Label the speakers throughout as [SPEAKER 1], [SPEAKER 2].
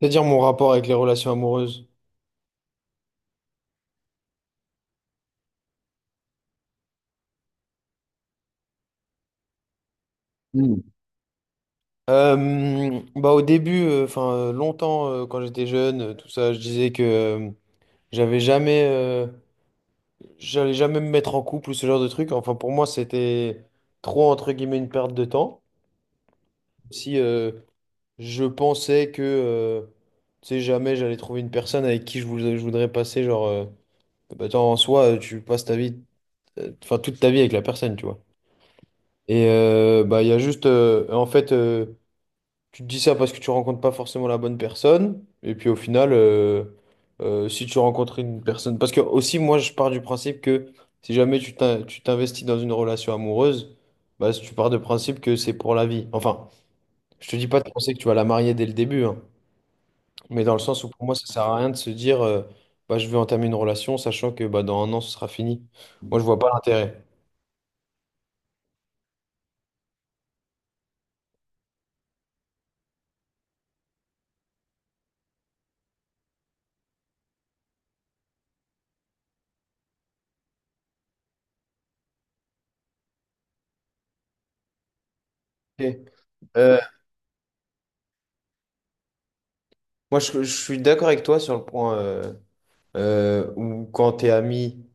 [SPEAKER 1] C'est-à-dire mon rapport avec les relations amoureuses. Hmm. Bah au début, longtemps quand j'étais jeune, je disais que j'avais jamais, j'allais jamais me mettre en couple ou ce genre de truc. Enfin pour moi c'était trop entre guillemets une perte de temps. Si je pensais que, tu sais jamais j'allais trouver une personne avec qui je voudrais passer genre, bah, attends, en soi tu passes ta vie, enfin toute ta vie avec la personne, tu vois. Et bah il y a juste, en fait. Tu te dis ça parce que tu rencontres pas forcément la bonne personne. Et puis au final, si tu rencontres une personne. Parce que aussi, moi, je pars du principe que si jamais tu t'investis dans une relation amoureuse, bah, si tu pars de principe que c'est pour la vie. Enfin, je te dis pas de penser que tu vas la marier dès le début, hein. Mais dans le sens où pour moi, ça sert à rien de se dire bah, je vais entamer une relation, sachant que bah, dans un an, ce sera fini. Moi, je vois pas l'intérêt. Ok. Euh, Moi, je suis d'accord avec toi sur le point. Ou quand t'es ami,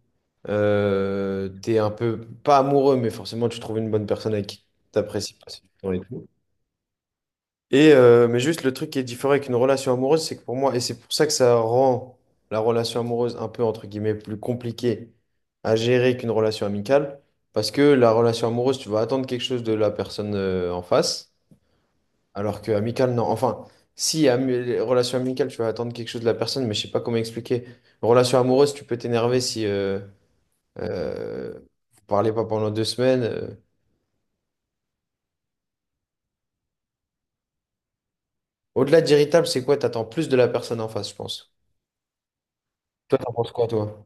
[SPEAKER 1] t'es un peu, pas amoureux, mais forcément tu trouves une bonne personne avec qui t'apprécies passer du temps et tout. Et, mais juste le truc qui est différent avec une relation amoureuse, c'est que pour moi, et c'est pour ça que ça rend la relation amoureuse un peu, entre guillemets, plus compliquée à gérer qu'une relation amicale, parce que la relation amoureuse, tu vas attendre quelque chose de la personne, en face. Alors que amical, non. Enfin, si, relation amicale, tu vas attendre quelque chose de la personne, mais je sais pas comment expliquer. Relation amoureuse, tu peux t'énerver si vous parlez pas pendant deux semaines. Au-delà d'irritable, c'est quoi? T'attends plus de la personne en face, je pense. Toi, t'en penses quoi, toi?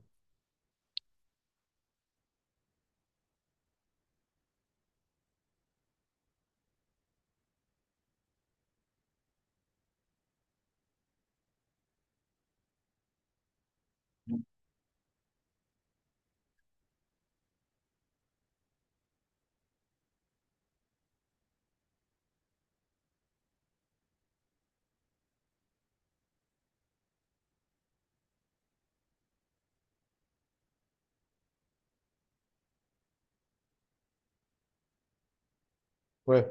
[SPEAKER 1] Ouais.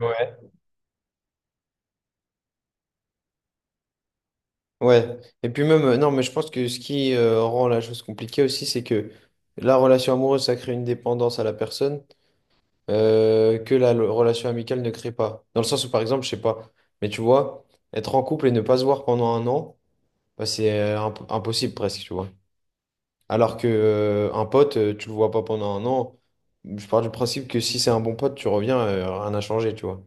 [SPEAKER 1] Ouais. Ouais. Et puis même, non, mais je pense que ce qui rend la chose compliquée aussi, c'est que la relation amoureuse, ça crée une dépendance à la personne. Que la relation amicale ne crée pas. Dans le sens où, par exemple, je sais pas, mais tu vois, être en couple et ne pas se voir pendant un an, bah, c'est impossible presque, tu vois. Alors que un pote, tu le vois pas pendant un an, je pars du principe que si c'est un bon pote, tu reviens, rien n'a changé, tu vois.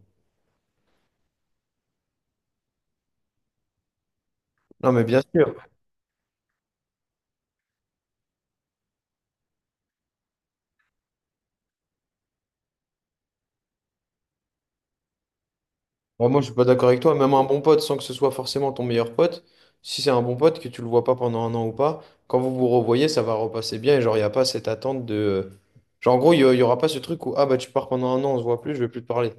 [SPEAKER 1] Non, mais bien sûr. Ouais, moi, je suis pas d'accord avec toi. Même un bon pote, sans que ce soit forcément ton meilleur pote, si c'est un bon pote, que tu le vois pas pendant un an ou pas, quand vous vous revoyez, ça va repasser bien. Et genre, il n'y a pas cette attente de. Genre, en gros, il y aura pas ce truc où, ah bah, tu pars pendant un an, on se voit plus, je vais plus te parler.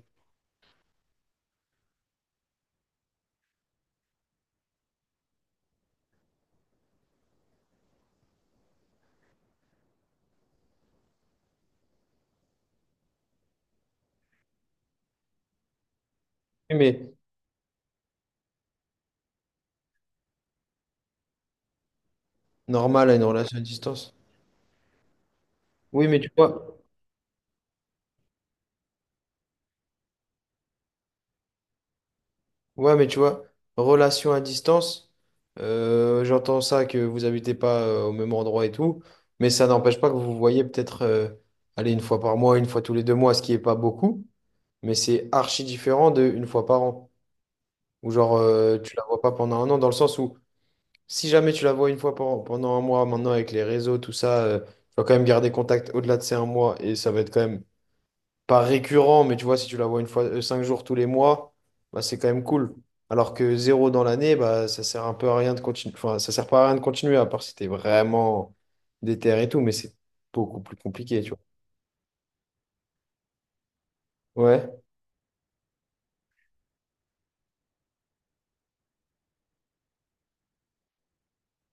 [SPEAKER 1] Oui, mais normal à une relation à distance. Oui, mais tu vois, ouais, mais tu vois, relation à distance, j'entends ça que vous habitez pas au même endroit et tout, mais ça n'empêche pas que vous vous voyez peut-être, allez, une fois par mois, une fois tous les deux mois, ce qui est pas beaucoup. Mais c'est archi différent de une fois par an. Ou genre, tu la vois pas pendant un an, dans le sens où si jamais tu la vois une fois par an, pendant un mois, maintenant avec les réseaux, tout ça, tu vas quand même garder contact au-delà de ces un mois et ça va être quand même pas récurrent, mais tu vois, si tu la vois une fois, cinq jours tous les mois, bah, c'est quand même cool. Alors que zéro dans l'année, bah, ça sert un peu à rien de continuer. Enfin, ça sert pas à rien de continuer, à part si t'es vraiment déter et tout, mais c'est beaucoup plus compliqué, tu vois. Ouais,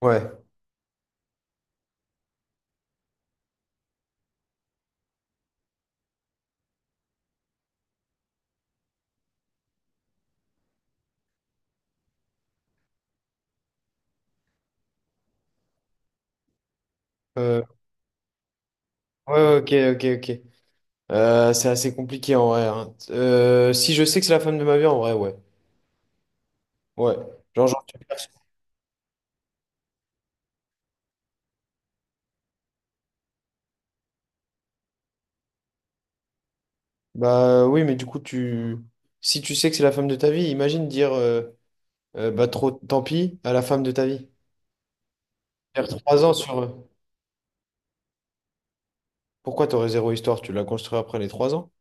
[SPEAKER 1] ouais. Euh, ouais, ok, ok, ok. C'est assez compliqué en vrai, hein. Si je sais que c'est la femme de ma vie, en vrai, ouais. Ouais. Genre, genre, bah oui, mais du coup, tu... si tu sais que c'est la femme de ta vie, imagine dire bah trop tant pis à la femme de ta vie. Faire trois ans sur. Pourquoi t'aurais zéro histoire? Tu l'as construit après les trois ans?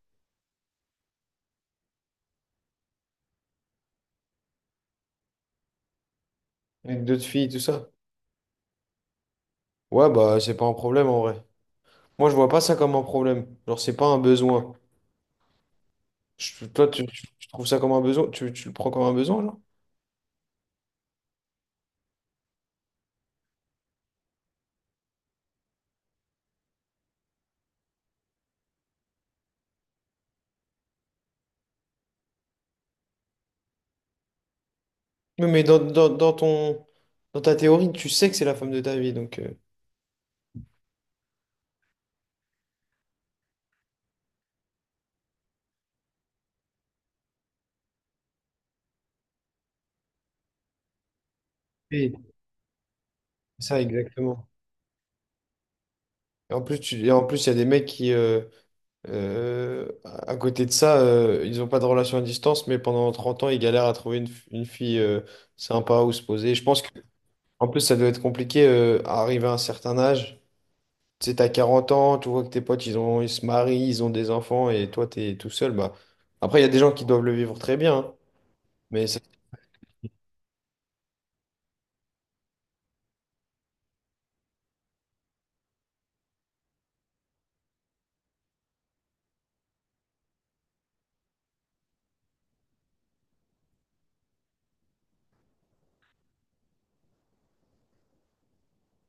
[SPEAKER 1] Avec d'autres filles, tout ça. Ouais, bah c'est pas un problème en vrai. Moi, je vois pas ça comme un problème. Genre, c'est pas un besoin. Je- Toi, tu trouves ça comme un besoin? Tu le prends comme un besoin, là? Oui, mais dans ton, dans ta théorie, tu sais que c'est la femme de ta vie, donc Oui. C'est ça exactement. Et en plus, tu, et en plus, il y a des mecs qui, à côté de ça, ils n'ont pas de relation à distance, mais pendant 30 ans, ils galèrent à trouver une, une fille sympa où se poser. Je pense que, en plus, ça doit être compliqué à arriver à un certain âge. Tu sais, t'as 40 ans, tu vois que tes potes, ils ont, ils se marient, ils ont des enfants, et toi, t'es tout seul. Bah. Après, il y a des gens qui doivent le vivre très bien, hein, mais ça...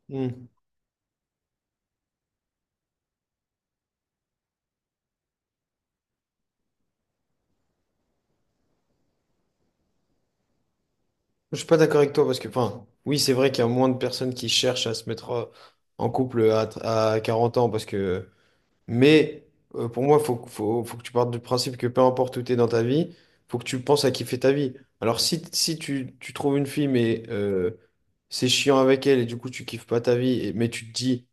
[SPEAKER 1] Hmm. Je suis pas d'accord avec toi parce que, enfin, oui, c'est vrai qu'il y a moins de personnes qui cherchent à se mettre en couple à, tr- à 40 ans parce que, mais pour moi, faut que tu partes du principe que peu importe où tu es dans ta vie, faut que tu penses à kiffer ta vie. Alors, si tu, tu trouves une fille, mais c'est chiant avec elle et du coup, tu kiffes pas ta vie, et- mais tu te dis,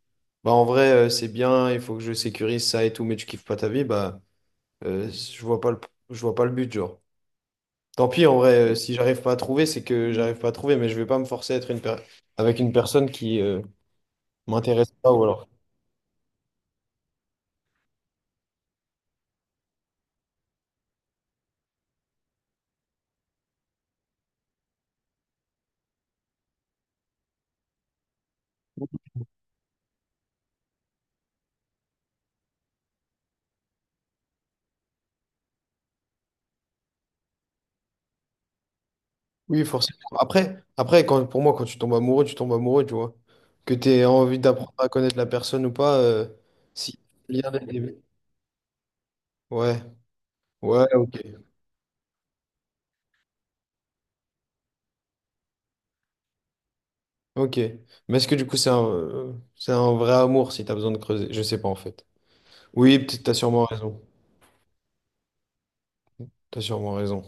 [SPEAKER 1] bah en vrai, c'est bien, il faut que je sécurise ça et tout, mais tu kiffes pas ta vie, bah, je vois pas je vois pas le but, genre. Tant pis, en vrai, si j'arrive pas à trouver, c'est que j'arrive pas à trouver, mais je vais pas me forcer à être une per- avec une personne qui m'intéresse pas ou alors. Oui, forcément. Après, après quand, pour moi, quand tu tombes amoureux, tu tombes amoureux, tu vois. Que tu aies envie d'apprendre à connaître la personne ou pas, si. Lien dès le début. Ouais, ouais, ok. Ok. Mais est-ce que du coup, c'est un vrai amour si tu as besoin de creuser? Je sais pas en fait. Oui, peut-être t'as sûrement raison. T'as sûrement raison.